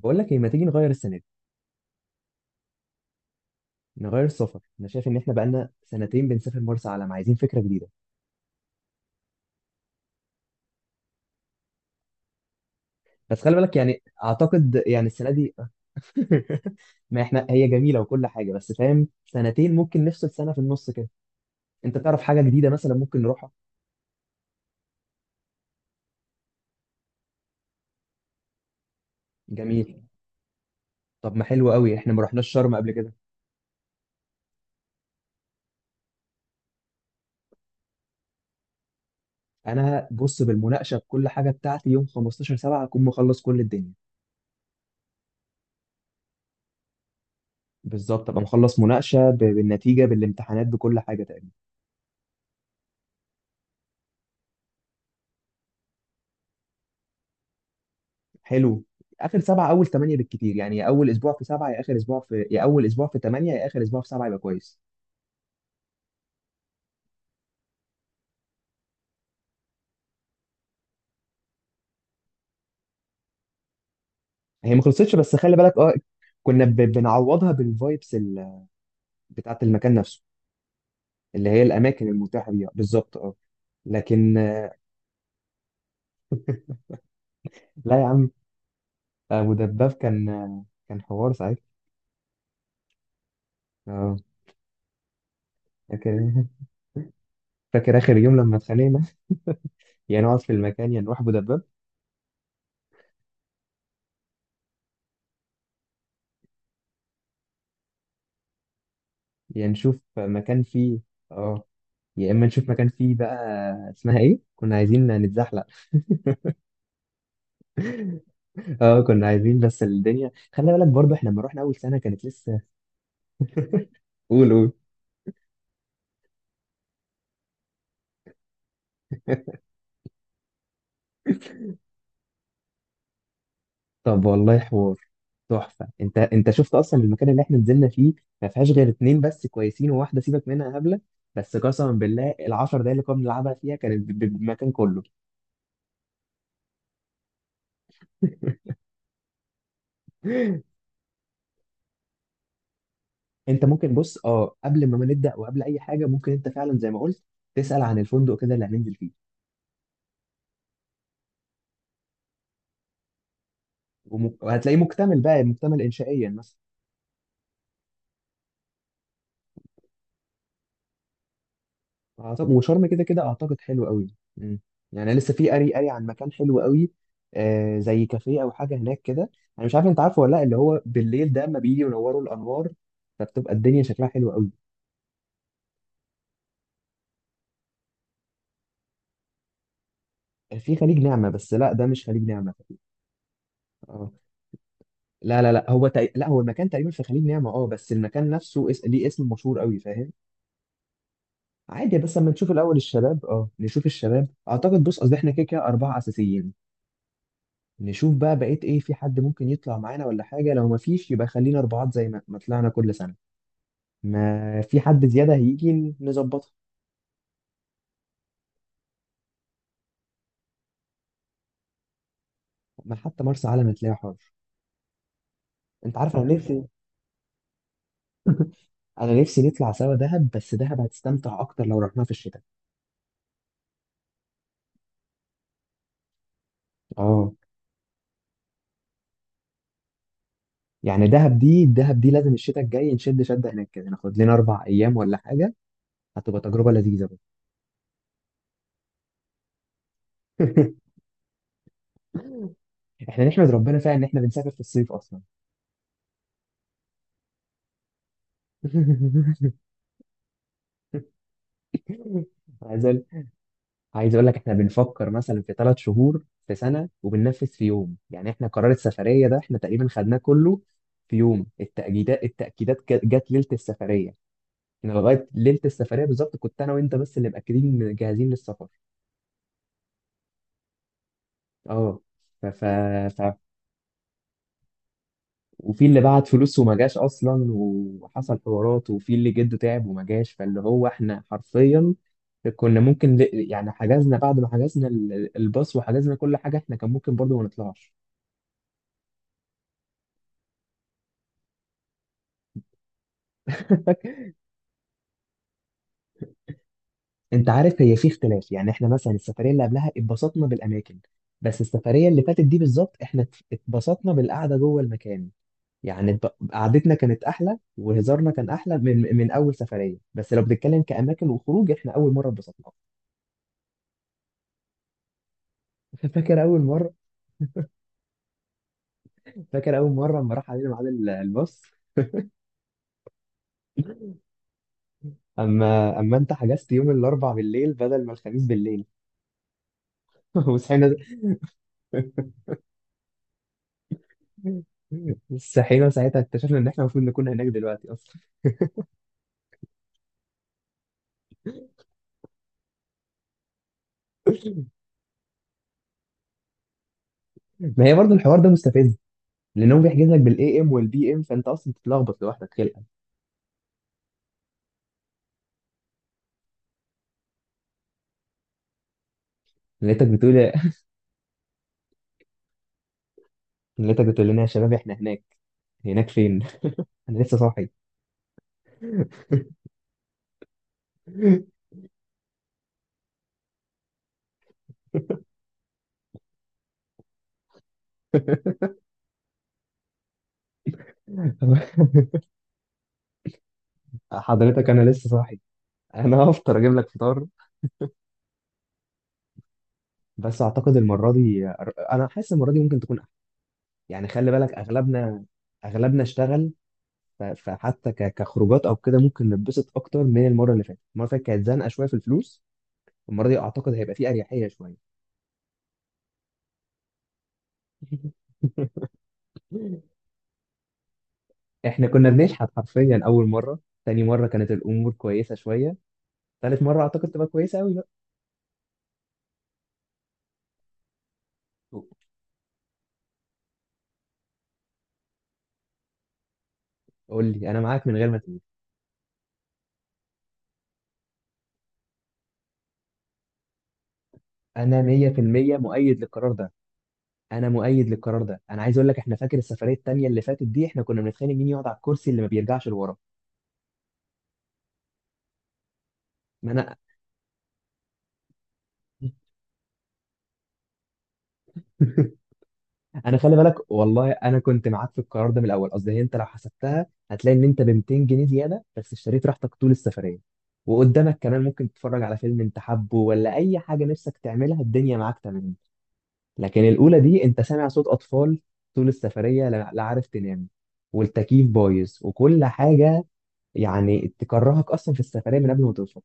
بقول لك ايه؟ ما تيجي نغير السنه دي؟ نغير السفر. انا شايف ان احنا بقالنا سنتين بنسافر مرسى علم، عايزين فكره جديده. بس خلي بالك، يعني اعتقد يعني السنه دي. ما احنا هي جميله وكل حاجه، بس فاهم سنتين ممكن نفصل سنه في النص كده. انت تعرف حاجه جديده مثلا ممكن نروحها. جميل. طب ما حلو قوي، احنا ما رحناش شرم قبل كده. انا بص بالمناقشه بكل حاجه بتاعتي يوم 15/7 اكون مخلص كل الدنيا. بالظبط، ابقى مخلص مناقشه بالنتيجه بالامتحانات بكل حاجه تقريبا. حلو. اخر سبعه اول ثمانيه بالكتير، يعني اول اسبوع في سبعه يا اول اسبوع في ثمانيه يا اخر اسبوع في سبعه يبقى كويس. هي ما خلصتش بس خلي بالك اه. كنا بنعوضها بالفايبس بتاعت المكان نفسه. اللي هي الاماكن المتاحه بيها بالظبط اه. لكن لا يا عم. ابو دباب كان حوار ساعتها. اه. فاكر إيه؟ فاكر اخر يوم لما اتخانقنا. يا نقعد في المكان يا نروح ابو دباب. يا نشوف مكان فيه. اه. يا اما نشوف مكان فيه بقى. اسمها ايه؟ كنا عايزين نتزحلق. اه، كنا عايزين بس الدنيا خلي بالك، برضو احنا لما رحنا اول سنه كانت لسه. قول قول. طب والله حوار. تحفه، انت شفت اصلا المكان اللي احنا نزلنا فيه. ما فيهاش غير اتنين بس كويسين وواحده سيبك منها هبله. بس قسما بالله العشر دقايق اللي كنا بنلعبها فيها كانت بالمكان كله. انت ممكن بص، قبل ما نبدا وقبل اي حاجه، ممكن انت فعلا زي ما قلت تسال عن الفندق كده اللي هننزل فيه. وهتلاقيه مكتمل بقى، مكتمل انشائيا مثلا. أعتقد وشرم كده كده اعتقد حلو قوي. يعني أنا لسه في قري قري عن مكان حلو قوي. زي كافيه او حاجه هناك كده. انا مش عارف انت عارفه ولا لا، اللي هو بالليل ده اما بيجي ينوروا الانوار فبتبقى الدنيا شكلها حلو قوي. في خليج نعمه، بس لا ده مش خليج نعمه. اه. لا لا لا، لا هو المكان تقريبا في خليج نعمه اه، بس المكان نفسه ليه اسم مشهور قوي فاهم. عادي بس اما نشوف الاول الشباب، نشوف الشباب اعتقد. بص قصدي احنا كده كده اربعه اساسيين، نشوف بقى بقيت ايه في حد ممكن يطلع معانا ولا حاجة. لو ما فيش يبقى خلينا اربعات زي ما طلعنا كل سنة. ما في حد زيادة هيجي نظبطها. ما حتى مرسى علم هتلاقيها حر. انت عارف انا نفسي، نطلع سوا دهب، بس دهب هتستمتع اكتر لو رحناها في الشتاء. اه. يعني دهب دي دهب دي لازم الشتاء الجاي نشد شدة هناك كده، ناخد لنا 4 ايام ولا حاجة. هتبقى تجربة لذيذة بقى. احنا نحمد ربنا فعلا ان احنا بنسافر في الصيف اصلا. عايز عايز اقول لك احنا بنفكر مثلا في 3 شهور في سنه وبننفذ في يوم، يعني احنا قرار السفريه ده احنا تقريبا خدناه كله في يوم. التاكيدات جت ليله السفريه. انا لغايه ليله السفريه بالظبط كنت انا وانت بس اللي مأكدين جاهزين للسفر. اه. ف... ف... ف... وفي اللي بعت فلوس وما جاش اصلا وحصل حوارات، وفي اللي جده تعب وما جاش، فاللي هو احنا حرفيا كنا ممكن يعني حجزنا، بعد ما حجزنا الباص وحجزنا كل حاجه احنا كان ممكن برضو ما نطلعش. انت عارف هي في اختلاف، يعني احنا مثلا السفريه اللي قبلها اتبسطنا بالاماكن. بس السفريه اللي فاتت دي بالظبط احنا اتبسطنا بالقعده جوه المكان. يعني قعدتنا كانت احلى وهزارنا كان احلى من اول سفريه، بس لو بنتكلم كاماكن وخروج احنا اول مره اتبسطنا. فاكر اول مره فاكر اول مره لما راح علينا ميعاد الباص. اما انت حجزت يوم الاربع بالليل بدل ما الخميس بالليل. وصحينا صحينا ساعتها اكتشفنا ان احنا المفروض نكون هناك دلوقتي اصلا. ما هي برضه الحوار ده مستفز، لان هو بيحجز لك بالاي ام والبي ام فانت اصلا بتتلخبط لوحدك خلقا. لقيتك بتقول لقيتك بتقول لنا يا شباب احنا هناك. هناك فين؟ انا لسه صاحي. حضرتك انا لسه صاحي. انا هفطر اجيب لك فطار. بس اعتقد المره دي، انا حاسس المره دي ممكن تكون احسن. يعني خلي بالك اغلبنا اشتغل. فحتى كخروجات او كده ممكن نتبسط اكتر من المره اللي فاتت. المره اللي فاتت كانت زنقه شويه في الفلوس، المره دي اعتقد هيبقى فيه اريحيه شويه. احنا كنا بنشحت حرفيا اول مره. تاني مره كانت الامور كويسه شويه. تالت مره اعتقد تبقى كويسه قوي بقى. قول لي، انا معاك من غير ما تقول. انا 100% مؤيد للقرار ده، انا مؤيد للقرار ده. انا عايز اقول لك احنا فاكر السفريه التانيه اللي فاتت دي احنا كنا بنتخانق مين يقعد على الكرسي اللي ما بيرجعش لورا. ما انا انا خلي بالك والله، انا كنت معاك في القرار ده من الاول. قصدي هي انت لو حسبتها هتلاقي ان انت ب 200 جنيه زياده بس اشتريت راحتك طول السفريه، وقدامك كمان ممكن تتفرج على فيلم انت حابه ولا اي حاجه نفسك تعملها الدنيا معاك تمام. لكن الأولى دي أنت سامع صوت أطفال طول السفرية، لا لا عارف تنام، والتكييف بايظ وكل حاجة. يعني تكرهك أصلا في السفرية من قبل ما توصل.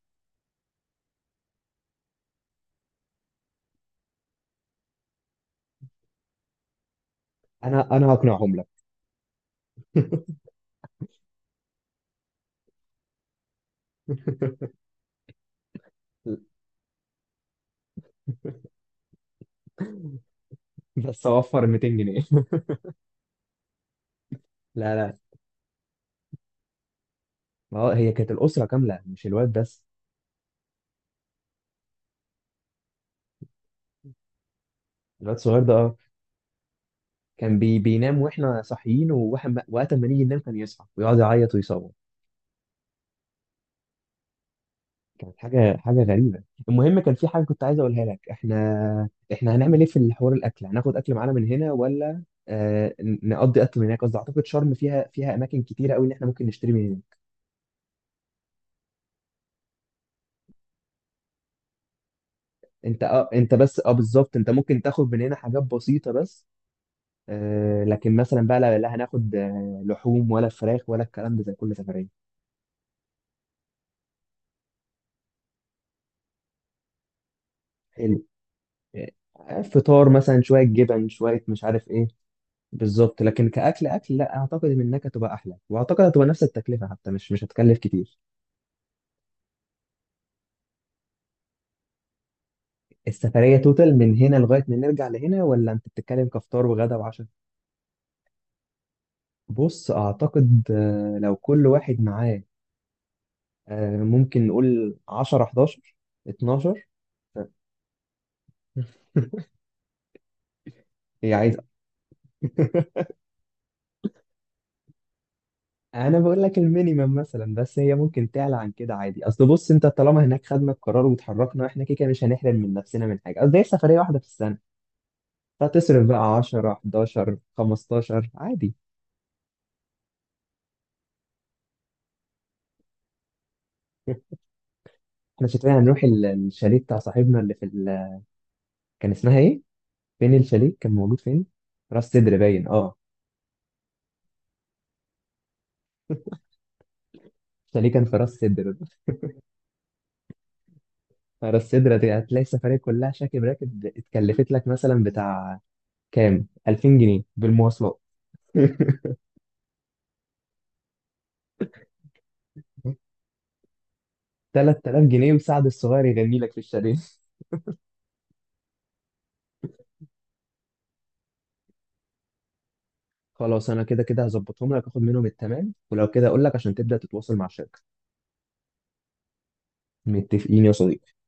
أنا هقنعهم لك. بس أوفر 200 جنيه. لا لا ما هو هي كانت الأسرة كاملة مش الواد بس. الواد الصغير ده أه، كان بينام وإحنا صاحيين، وقت ما نيجي ننام كان يصحى ويقعد يعيط ويصوت. كانت حاجه غريبه. المهم كان في حاجه كنت عايز اقولها لك، احنا هنعمل ايه في الحوار الاكل، هناخد اكل معانا من هنا ولا؟ نقضي اكل من هناك قصدي. اعتقد شرم فيها اماكن كتيره قوي ان احنا ممكن نشتري من هناك. انت بس بالظبط. انت ممكن تاخد من هنا حاجات بسيطه بس. لكن مثلا بقى لا, لا هناخد لحوم ولا فراخ ولا الكلام ده زي كل سفريه. حلو. فطار مثلا شويه جبن شويه مش عارف ايه. بالظبط، لكن كأكل أكل لا أعتقد إنك هتبقى أحلى، وأعتقد هتبقى نفس التكلفة حتى، مش هتكلف كتير. السفرية توتال من هنا لغاية ما نرجع لهنا، ولا أنت بتتكلم كفطار وغدا وعشاء؟ بص أعتقد، لو كل واحد معاه، ممكن نقول 10 11 12. هي عايزة. أنا بقول لك المينيمم مثلا، بس هي ممكن تعلى عن كده عادي. أصل بص أنت طالما هناك خدنا القرار واتحركنا إحنا كده كده مش هنحرم من نفسنا من حاجة، قصدي هي سفرية واحدة في السنة. هتصرف بقى 10 11 15 عادي. احنا شكلنا هنروح الشاليه بتاع صاحبنا اللي في كان اسمها ايه؟ فين الشاليه؟ كان موجود فين؟ راس سدر باين اه. الشاليه كان في راس سدر. راس سدر، هتلاقي السفرية كلها شاكب راكب اتكلفت لك مثلا بتاع كام؟ 2000 جنيه بالمواصلات. 3000 جنيه مساعد الصغير يغني لك في الشاليه. خلاص انا كده كده هظبطهم لك، اخد منهم التمام ولو كده اقول لك عشان تبدأ تتواصل مع الشركة. متفقين يا صديقي.